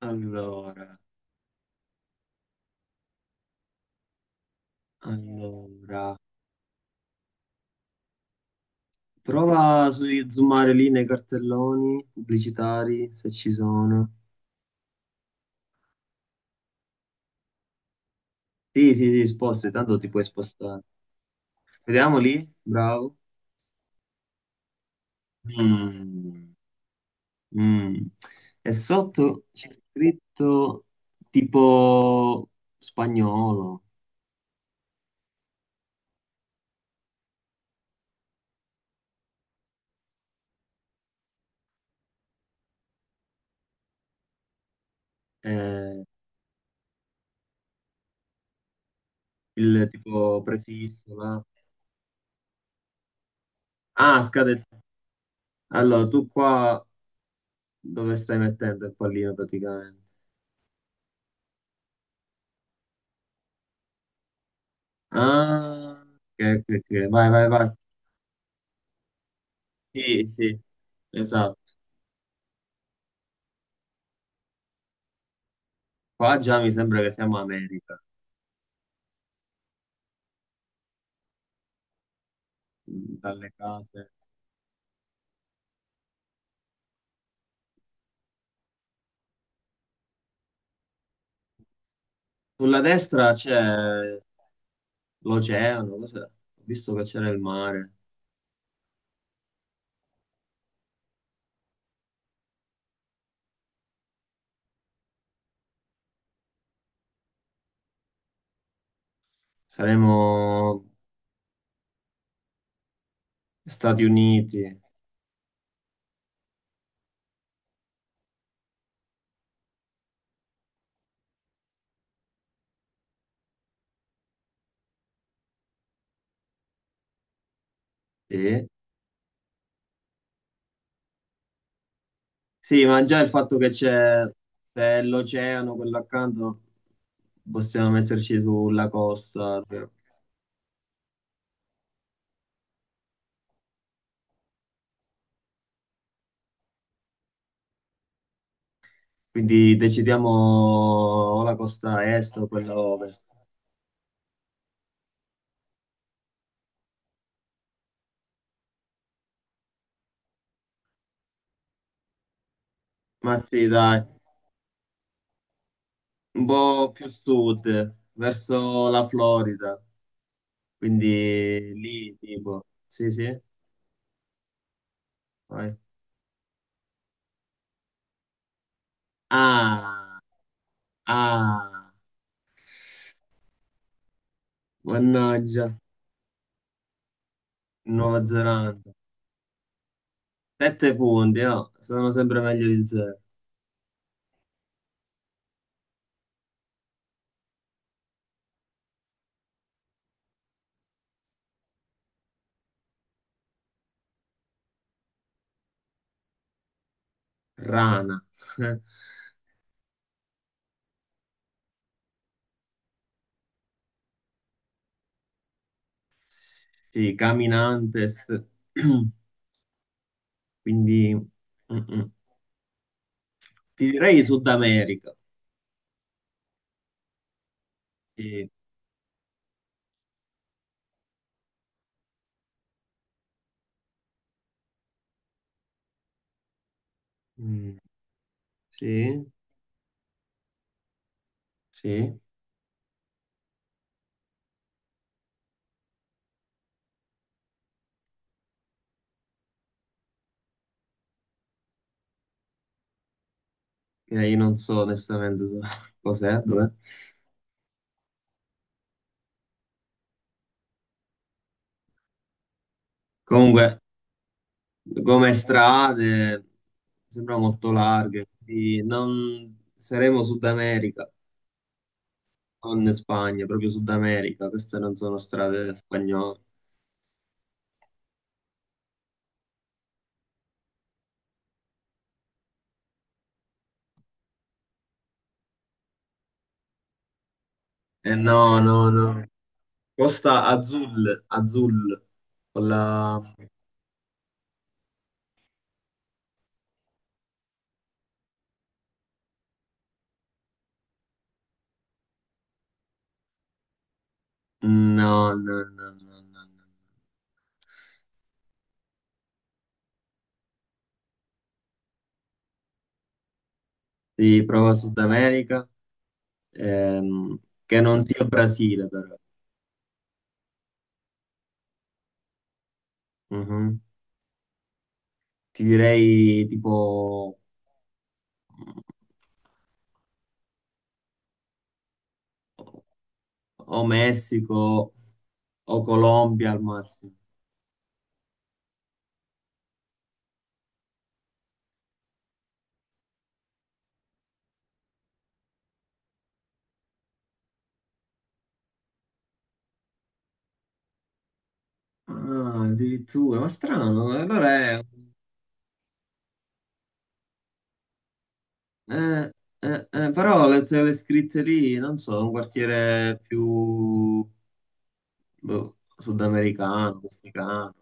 Allora, allora, prova su zoomare lì nei cartelloni pubblicitari se ci sono. Sì, sì, sì, sposti, tanto ti puoi spostare. Vediamo lì, bravo. Mm, mm. E sotto c'è scritto tipo spagnolo, eh, il tipo prefisso, là. Ah, scade. Allora, tu qua dove stai mettendo il pallino praticamente? Ah, ok, ok, ok. Vai, vai, vai. Sì, sì, esatto. Qua già mi sembra che siamo America, mm, dalle case. Sulla destra c'è l'oceano, cos'è? Ho visto che c'era il mare. Saremo Stati Uniti, sì. Sì, ma già il fatto che c'è l'oceano, quello accanto, possiamo metterci sulla costa, cioè. Quindi decidiamo o la costa est o quella ovest. Ma sì, dai, un po' più sud, verso la Florida, quindi lì tipo, sì, sì, vai. Ah, ah, mannaggia, Nuova Zelanda. Sette punti, no? Sono sempre meglio di zero. Rana, sì, Caminantes, quindi mm, mm. Ti direi Sud America, sì, mm, sì, sì. E io non so onestamente so cos'è, dov'è. Comunque, come strade, sembra molto larghe, quindi non saremo Sud America, non Spagna, proprio Sud America, queste non sono strade spagnole. Eh no, no, no. Costa Azul, Azul, con la... No, no, no, no, no, no. Sì, prova Sud America, ehm, che non sia Brasile però. Mhm. Ti direi tipo... o Messico o Colombia al massimo. Ah, addirittura, ma strano, allora è... Eh, però le scritte lì, non so, un quartiere più boh, sudamericano, messicano.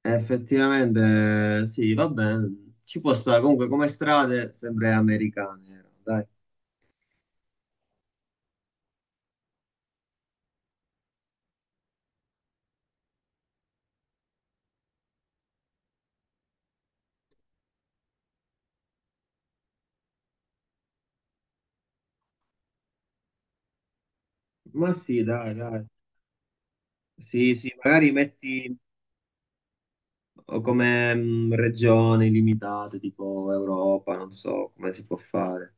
Effettivamente, sì, va bene. Ci può stare, comunque come strade sempre americane, dai. Ma sì, dai, dai. Sì, sì, magari metti o come mm, regioni limitate, tipo Europa, non so come si può fare.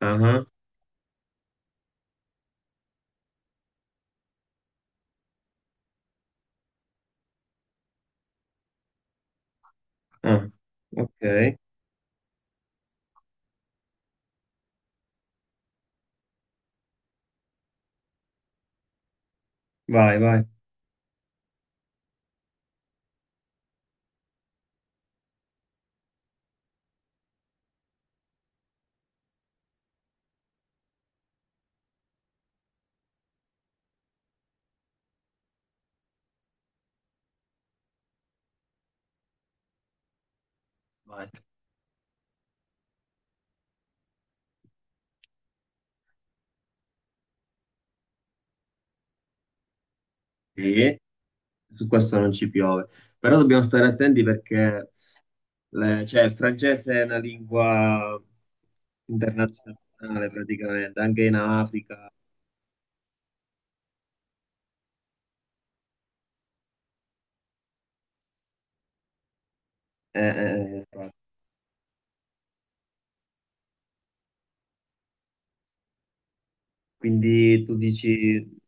Ah, ah, ok, vai, vai. Vai. Sì, su questo non ci piove. Però dobbiamo stare attenti perché le- cioè, il francese è una lingua internazionale praticamente, anche in Africa. Eh, quindi tu dici,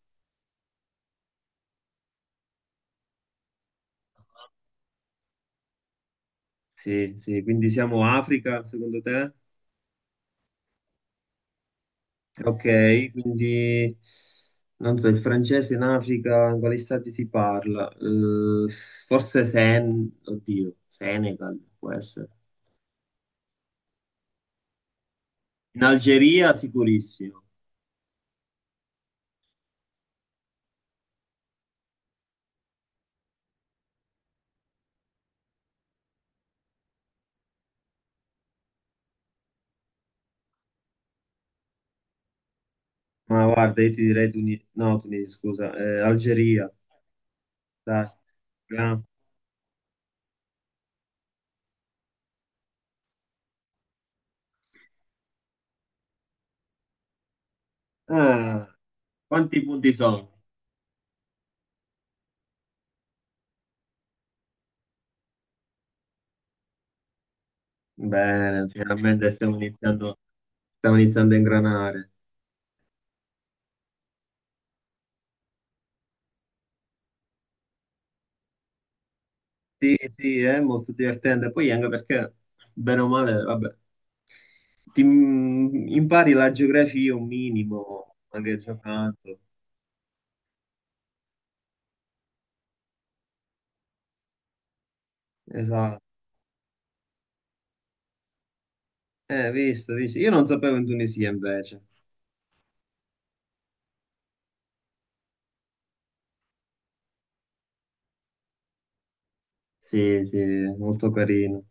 sì, sì, quindi siamo Africa secondo te? Ok, quindi non so, il francese in Africa, in quali stati si parla? Forse Sen, oddio, Senegal può essere. In Algeria sicurissimo. Ma guarda, io ti direi Tunisi, no, Tunisi, scusa, Algeria. Dai. Vediamo. Ah, quanti punti sono? Bene, finalmente stiamo iniziando a ingranare. Sì, sì, è molto divertente. Poi anche perché, bene o male, vabbè, ti impari la geografia un minimo, anche giocando. Esatto. Visto, visto. Io non sapevo in Tunisia invece. Sì, sì, molto carino.